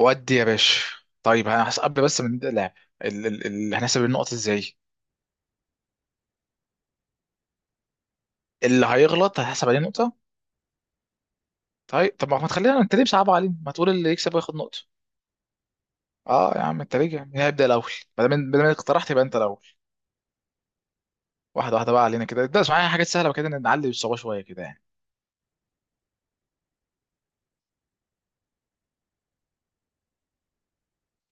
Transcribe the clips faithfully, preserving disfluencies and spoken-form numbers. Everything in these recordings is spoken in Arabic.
ودي يا باشا. طيب، هنحسب قبل بس ما نبدا اللعب. ال- ال- ال- هنحسب النقط ازاي؟ اللي هيغلط هيحسب عليه نقطه. طيب طب ما تخلينا، انت ليه صعب علينا؟ ما تقول اللي يكسب وياخد نقطه. اه يا عم، انت ليه؟ مين هيبدا الاول؟ ما دام ما دام إنك اقترحت يبقى انت الاول. واحده واحده بقى علينا كده، ده معايا حاجات سهله، وكده نعلي الصعوبه شويه كده يعني.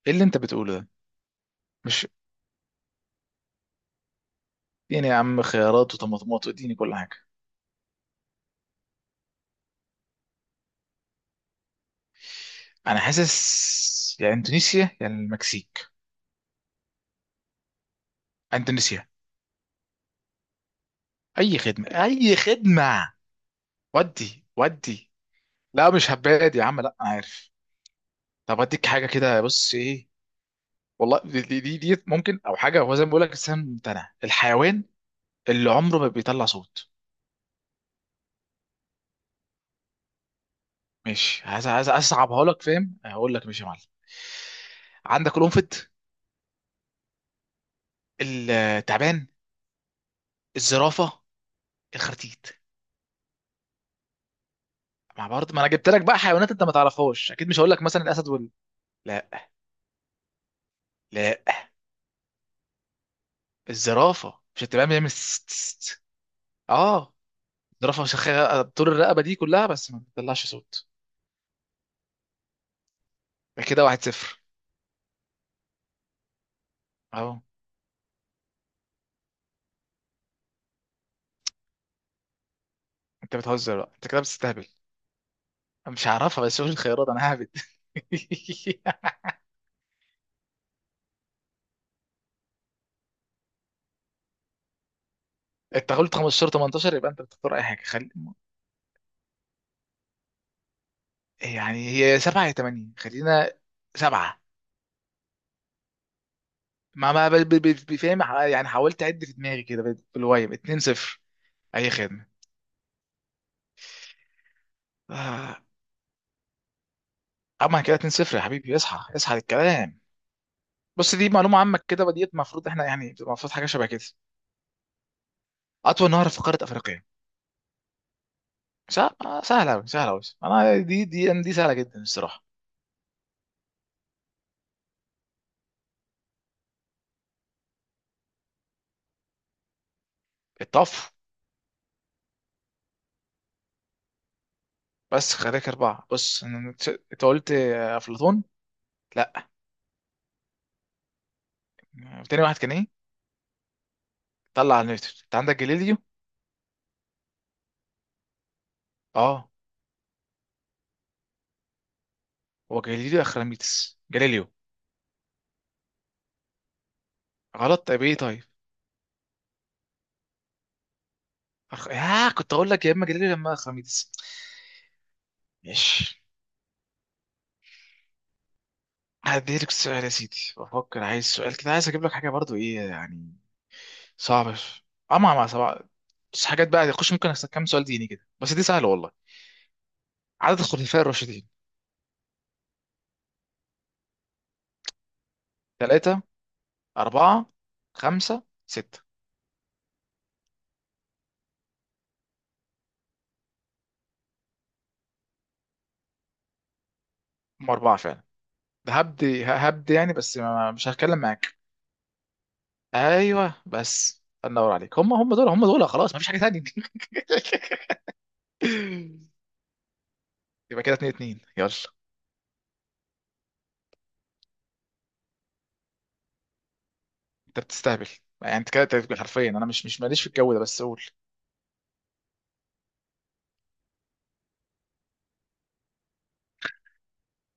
ايه اللي انت بتقوله ده؟ مش... اديني يا عم خيارات وطماطمات واديني كل حاجه. انا حاسس يا اندونيسيا يا المكسيك. اندونيسيا. اي خدمه، اي خدمه. ودي. ودي. لا، مش هباد يا عم، لا عارف. طب اديك حاجه كده، بص ايه. والله دي دي, دي, دي ممكن، او حاجه، هو زي ما بقول لك، الانسان ممتنع، الحيوان اللي عمره ما بيطلع صوت. ماشي. عايز عايز اصعبها لك، فاهم؟ هقول لك ماشي يا معلم. عندك القنفذ، التعبان، الزرافه، الخرتيت. مع برضه، ما انا جبت لك بقى حيوانات انت ما تعرفهاش اكيد، مش هقول لك مثلا الاسد وال... لا. لا، الزرافه، مش التعبان بيعمل س- س- س- اه. الزرافه، شخ- طول الرقبه دي كلها بس ما بتطلعش صوت. كده واحد صفر. اهو. انت بتهزر بقى؟ انت كده بتستهبل. أنا مش هعرفها، بس شوف الخيارات انا ههبد. انت قلت خمستاشر تمنتاشر؟ يبقى انت بتختار اي حاجه، خلي... يعني هي سبعة يا تمانية، خلينا سبعة. ما ما ب- ب- ب- بفهم، ح- يعني حاولت اعد في دماغي كده بال- بالوايم اتنين صفر. اي خدمه. آه، اما كده اتنين صفر يا حبيبي، اصحى اصحى للكلام. بص، دي معلومه عامه كده، وديت المفروض احنا يعني بتبقى المفروض حاجه شبه كده. اطول نهر في قاره افريقيا؟ سهله سهله أوي، سهله أوي. انا دي دي دي سهله جدا الصراحه. الطف. بس خليك أربعة، بص أنا- أنت قلت آه، أفلاطون. لا. تاني واحد كان إيه؟ طلع على نيوتن، أنت عندك جاليليو. أه. هو جاليليو، أخراميتس، جاليليو. غلط. طيب إيه طيب؟ أخ... آه كنت أقول لك يا إما جاليليو يا إما أخراميتس. ماشي، هديلك السؤال يا سيدي. بفكر، عايز سؤال كده، عايز أجيب لك حاجة برضو إيه يعني. صعبة ش- أه، مع مع صعبة. بس حاجات بقى، خش، ممكن أسألك كام سؤال ديني كده، بس دي سهلة والله. عدد الخلفاء الراشدين؟ ثلاثة؟ أربعة؟ خمسة، ستة؟ هم أربعة فعلا. هبد هبد يعني، بس ما- مش هتكلم معاك. ايوه، بس النور عليك. هم هم دول، هم دول، خلاص مفيش حاجه تانية. يبقى كده اتنين اتنين، يلا. انت بتستهبل. يعني انت كده، أنت بتقول حرفيا انا مش مش ماليش في الجو ده، بس قول.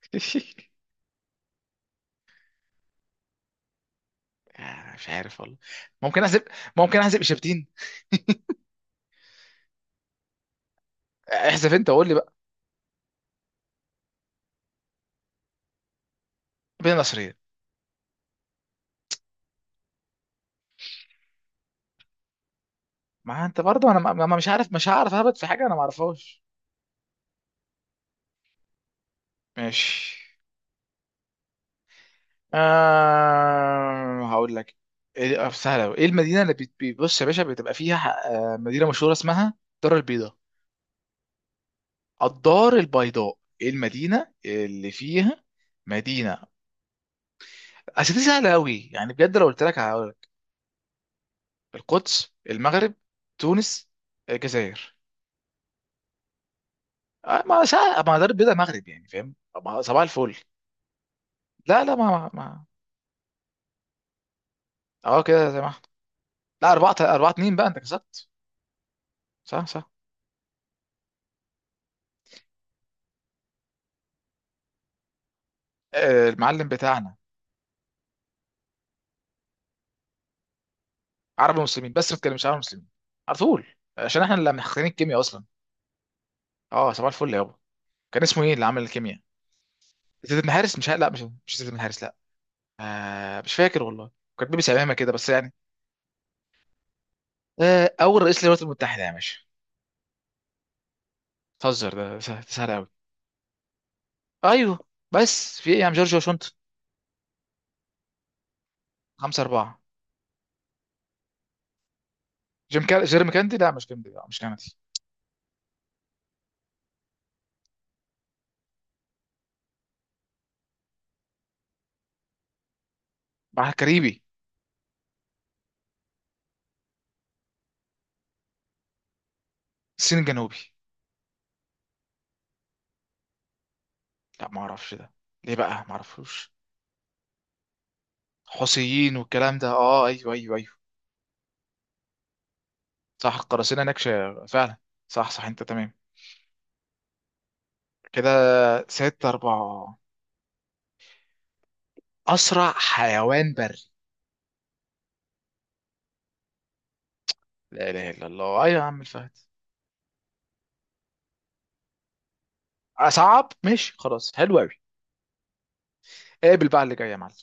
آه، مش عارف والله. ممكن احسب ممكن احسب اجابتين. احذف انت وقول لي بقى. بين النصرين. ما انت برضه، انا ما ما- مش عارف مش هعرف اهبط في حاجه انا ما اعرفهاش. ماشي. آه هقول لك. إيه- آه، سهله أوي. ايه المدينه اللي بت- بيبص يا باشا بتبقى فيها آه مدينه مشهوره اسمها الدار البيضاء. الدار البيضاء، ايه المدينه اللي فيها؟ مدينه. اصل دي سهله قوي يعني بجد، لو قلت لك هقول لك. القدس، المغرب، تونس، آه، الجزائر. آه ما سهل، ما دار البيضاء مغرب يعني فاهم. ما- صباح الفل. لا لا، ما ما. اه كده زي ما احنا. لا أربعة أربعة اتنين بقى انت كسبت. صح صح. آه المعلم بتاعنا. عرب ومسلمين، بس ما تكلمش عرب ومسلمين. على طول. عشان احنا اللي محققين الكيمياء اصلا. اه صباح الفل يابا. كان اسمه ايه اللي عمل الكيمياء؟ زيد بن حارس، مش ه- لا مش مش زيد بن حارس، لا. آه مش فاكر والله. كان بيبي سمامه كده بس يعني. آه اول رئيس للولايات المتحده يا باشا؟ بتهزر؟ ده سهل سهل قوي. ايوه، بس في ايه يا عم، جورج واشنطن. خمسة أربعة. جيم كا... جيرمي كاندي، لا مش كاندي، لا مش كندي. بحر كاريبي. الصين الجنوبي. لا ما اعرفش ده. ليه بقى؟ ما اعرفش. حوثيين والكلام ده، اه، ايوه ايوه ايوه. صح، القراصنة نكشة فعلا. صح صح، انت تمام. كده ستة أربعة. أسرع حيوان بري؟ لا إله إلا الله، أيوة يا عم، الفهد. آه، صعب. ماشي خلاص، حلو أوي. قابل بقى اللي جاي يا معلم.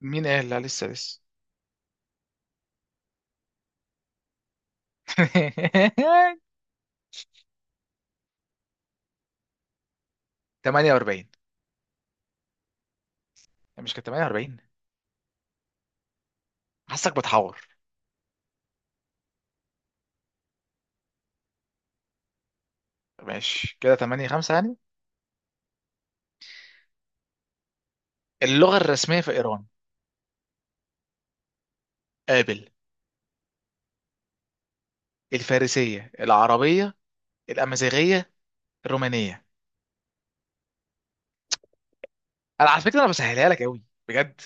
مين قال؟ لا، لسه لسه. تمانية واربعين. مش كانت تمانية واربعين؟ حاسك بتحور. ماشي كده تمانية خمسة يعني. اللغة الرسمية في إيران؟ قابل. الفارسية، العربية، الأمازيغية، الرومانية. أنا على فكرة، أنا بسهلها لك أوي. بجد.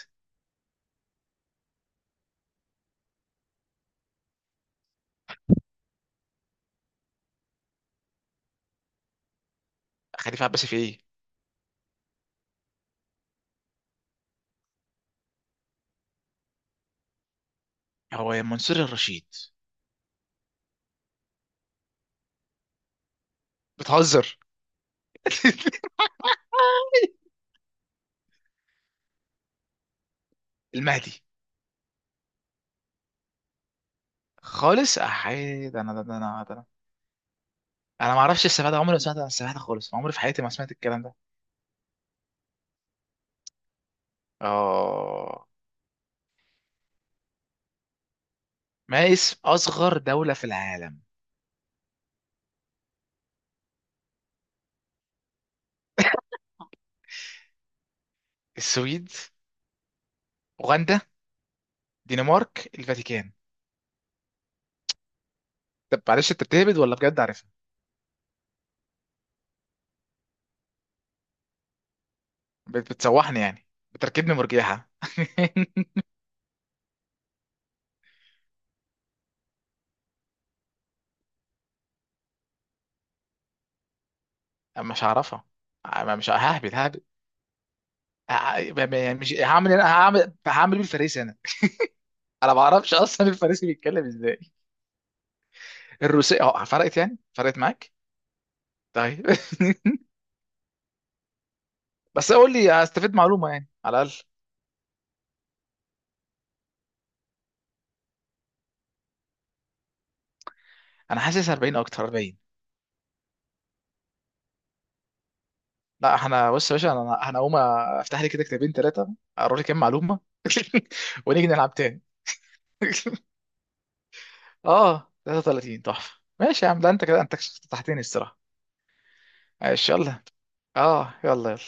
خليفة عباسي، في إيه؟ هو يا منصور، الرشيد. بتهزر. المهدي. خالص احيد، انا ده ده انا ده انا. انا ما اعرفش السبعة ده. عمري ما سمعت عن السبعة ده خالص، عمري في حياتي ما سمعت الكلام ده. اه. ما اسم اصغر دولة في العالم؟ السويد، اوغندا، دنمارك، الفاتيكان. طب معلش، انت بتهبد ولا بجد عارفها؟ بت- بتسوحني يعني، بتركبني مرجيحة. أما مش هعرفها. أما مش ههبد ههبد. ه- يعني مش هعمل، انا هعمل هعمل بيه الفريسي انا. انا ما اعرفش اصلا الفريسي بيتكلم ازاي. الروسية. اه، فرقت يعني فرقت معاك. طيب. بس اقول لي، هستفيد معلومة يعني على الاقل. انا حاسس اربعين، اكتر اربعين. لا احنا بص يا باشا، انا انا هقوم افتح لي كده كتابين ثلاثة، اقرا لي كام معلومة. ونيجي نلعب تاني. اه تلاتة وتلاتين تحفة. ماشي يا عم، ده انت كده انت فتحتني الصراحة. ماشي يلا. اه يلا يلا.